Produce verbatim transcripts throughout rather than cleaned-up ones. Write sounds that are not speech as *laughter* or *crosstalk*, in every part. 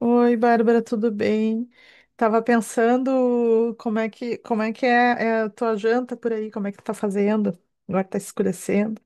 Oi, Bárbara, tudo bem? Tava pensando como é que, como é que é, é a tua janta por aí, como é que tu tá fazendo? Agora tá escurecendo.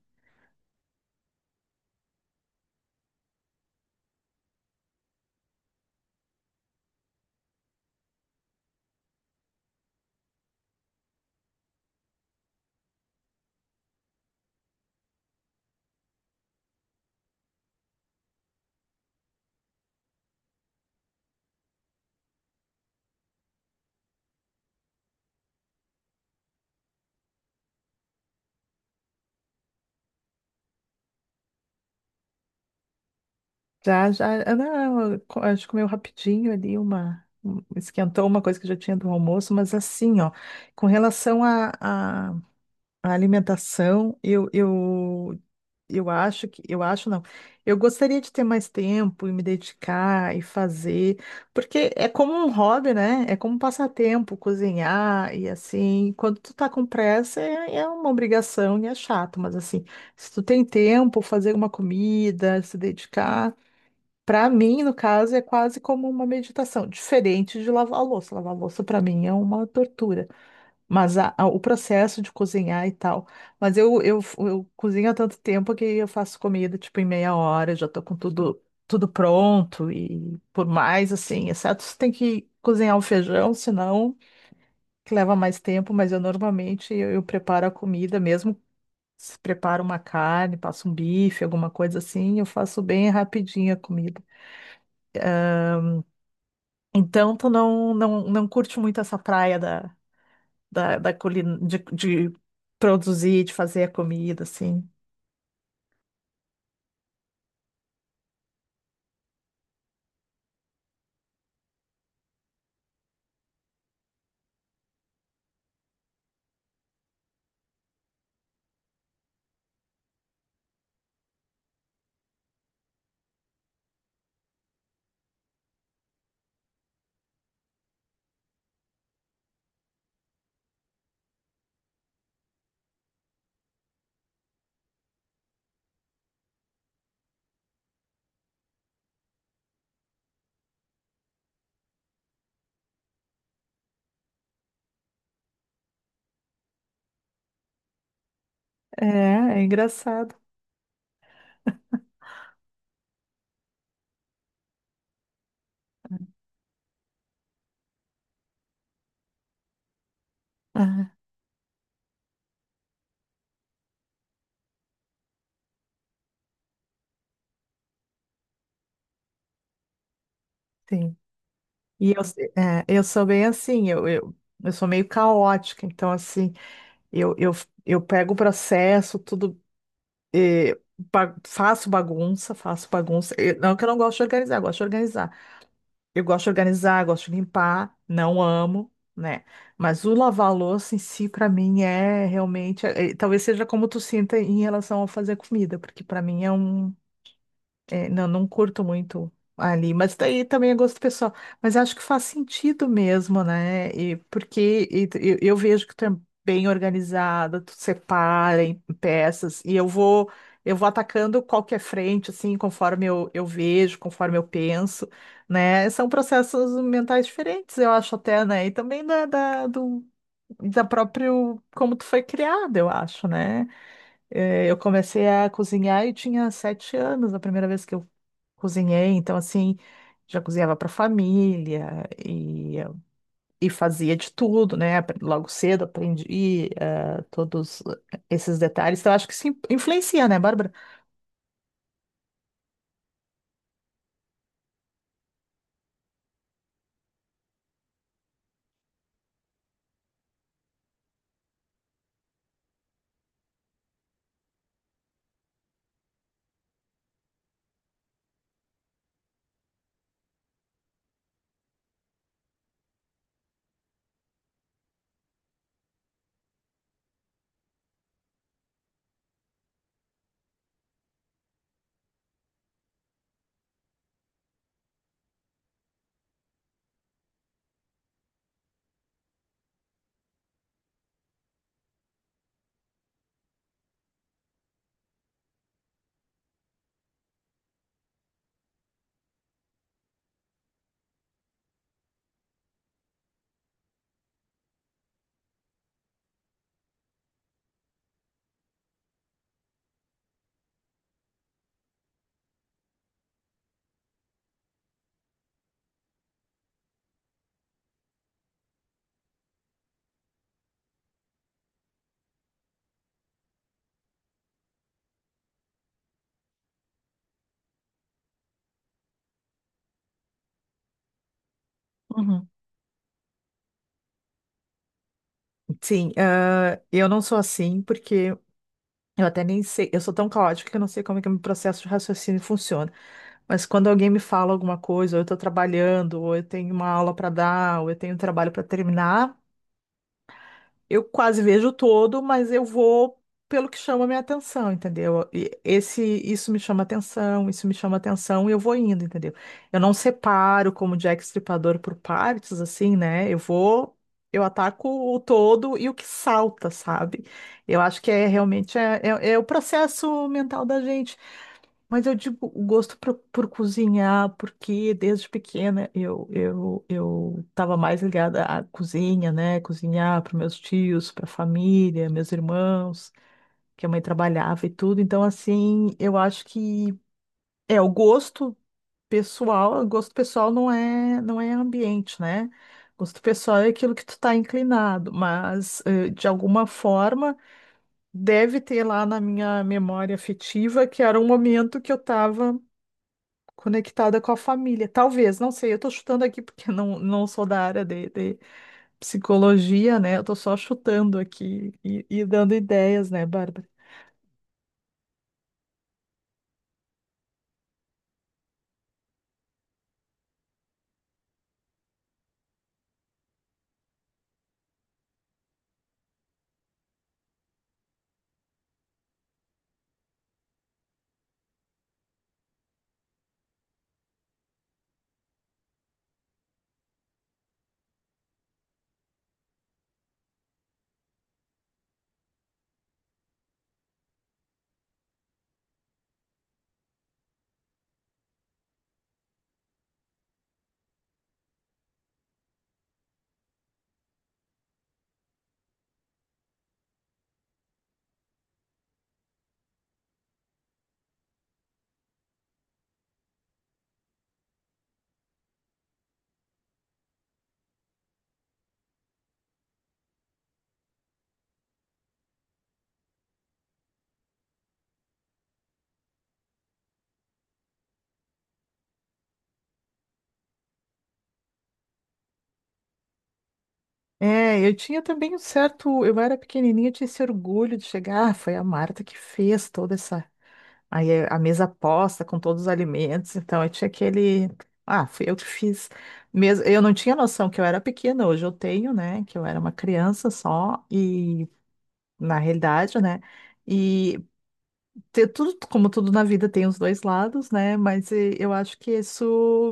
Já, já, ah, não, eu co- a gente comeu rapidinho ali uma, um- esquentou uma coisa que já tinha do almoço, mas assim, ó, com relação à à- à alimentação, eu, eu, eu acho que, eu acho não, eu gostaria de ter mais tempo e me dedicar e fazer, porque é como um hobby, né? É como um passatempo, cozinhar e assim, quando tu tá com pressa é, é uma obrigação e é chato, mas assim, se tu tem tempo, fazer uma comida, se dedicar para mim, no caso, é quase como uma meditação, diferente de lavar a louça. Lavar a louça para mim é uma tortura, mas a- a- o processo de cozinhar e tal. Mas eu, eu, eu cozinho há tanto tempo que eu faço comida tipo em meia hora, já tô com tudo tudo pronto e por mais assim, exceto se tem que cozinhar o feijão, senão que leva mais tempo, mas eu normalmente eu, eu preparo a comida mesmo. Se preparo uma carne, passo um bife, alguma coisa assim, eu faço bem rapidinho a comida. Então, tu não, não, não curte muito essa praia da, da, da culina, de, de produzir, de fazer a comida, assim. É, é engraçado. Ah, sim. E eu, se- é, eu sou bem assim, eu, eu, eu sou meio caótica, então assim, eu, eu, eu pego o processo, tudo eh, ba- faço bagunça, faço bagunça. Eu- não que eu não gosto de organizar, eu gosto de organizar. Eu gosto de organizar, gosto de limpar, não amo, né? Mas o lavar a louça em si, pra mim, é realmente. Eh, talvez seja como tu sinta em relação a fazer comida, porque pra mim é um. É, não, não curto muito ali, mas daí também é gosto pessoal. Mas acho que faz sentido mesmo, né? E porque e tu- eu, eu vejo que tu é bem organizada, tu separa em peças, e eu vou eu vou atacando qualquer frente, assim, conforme eu, eu vejo, conforme eu penso, né? São processos mentais diferentes, eu acho até, né? E também da, da, do, da próprio como tu foi criada, eu acho, né? Eh, Eu comecei a cozinhar e tinha sete anos, a primeira vez que eu cozinhei, então assim, já cozinhava para família e, e fazia de tudo, né? Apre- Logo cedo aprendi eh, todos esses detalhes. Então acho que isso in- influencia, né, Bárbara? Uhum. Sim, ah, eu não sou assim porque eu até nem sei, eu sou tão caótica que eu não sei como é que o meu processo de raciocínio funciona. Mas quando alguém me fala alguma coisa, ou eu estou trabalhando, ou eu tenho uma aula para dar, ou eu tenho um trabalho para terminar, eu quase vejo todo, mas eu vou pelo que chama a minha atenção, entendeu? E esse, isso me chama atenção, isso me chama atenção e eu vou indo, entendeu? Eu não separo como Jack Estripador por partes, assim, né? Eu vou, eu ataco o todo e o que salta, sabe? Eu acho que é realmente é, é, é o processo mental da gente. Mas eu digo o gosto por, por cozinhar, porque desde pequena eu, eu, eu estava mais ligada à cozinha, né? Cozinhar para meus tios, para a família, meus irmãos, que a mãe trabalhava e tudo. Então, assim, eu acho que é o gosto pessoal, o gosto pessoal não é, não é ambiente, né? Gosto pessoal é aquilo que tu tá inclinado, mas eh, de alguma forma deve ter lá na minha memória afetiva que era um momento que eu estava conectada com a família. Talvez, não sei, eu tô chutando aqui porque não, não sou da área de, de psicologia, né? Eu tô só chutando aqui e, e dando ideias, né, Bárbara? É, eu tinha também um certo. Eu era pequenininha, eu tinha esse orgulho de chegar. Ah, foi a Marta que fez toda essa. Aí é a mesa posta com todos os alimentos, então eu tinha aquele. Ah, fui eu que fiz. Mesmo, eu não tinha noção que eu era pequena, hoje eu tenho, né? Que eu era uma criança só e, na realidade, né? E ter tudo, como tudo na vida tem os dois lados, né? Mas eh, eu acho que isso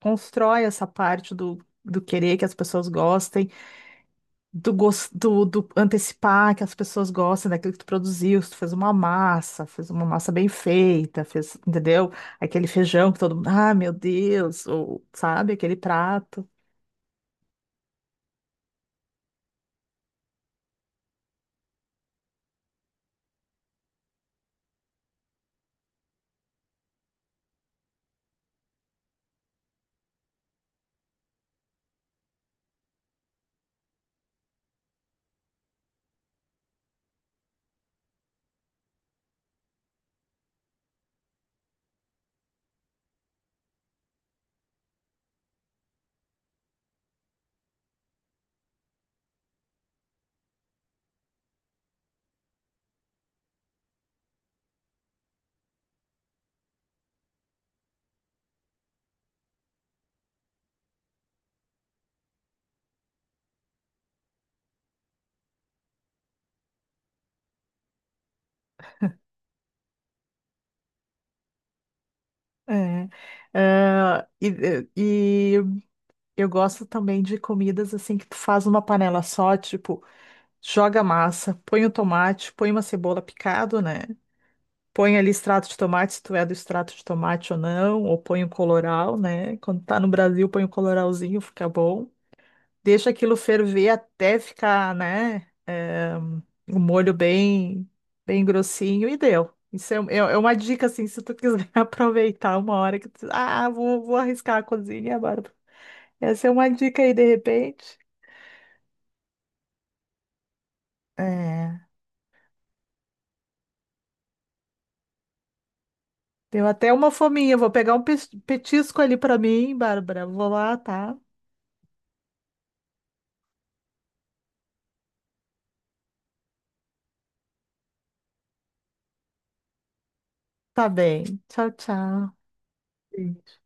constrói essa parte do, do querer que as pessoas gostem, do, gos- do, do antecipar que as pessoas gostem daquilo que tu produziu, se tu fez uma massa, fez uma massa bem feita, fez, entendeu? Aquele feijão que todo mundo, ah, meu Deus, ou sabe, aquele prato. É. Ah, e, eh, e eu gosto também de comidas assim que tu faz numa panela só, tipo. Joga a massa, põe o tomate, põe uma cebola picado, né? Põe ali extrato de tomate, se tu é do extrato de tomate ou não, ou põe o colorau, né? Quando tá no Brasil, põe o colorauzinho, fica bom. Deixa aquilo ferver até ficar, né? O molho bem, bem grossinho e deu. Isso é, é- é uma dica, assim, se tu quiser *laughs* aproveitar uma hora que tu, ah, vou, vou arriscar a cozinha, agora. Essa é uma dica aí, de repente. É. Deu até uma fominha. Vou pegar um pes- petisco ali pra mim, Bárbara. Vou lá, tá? Tá bem. Tchau, tchau. Beijo.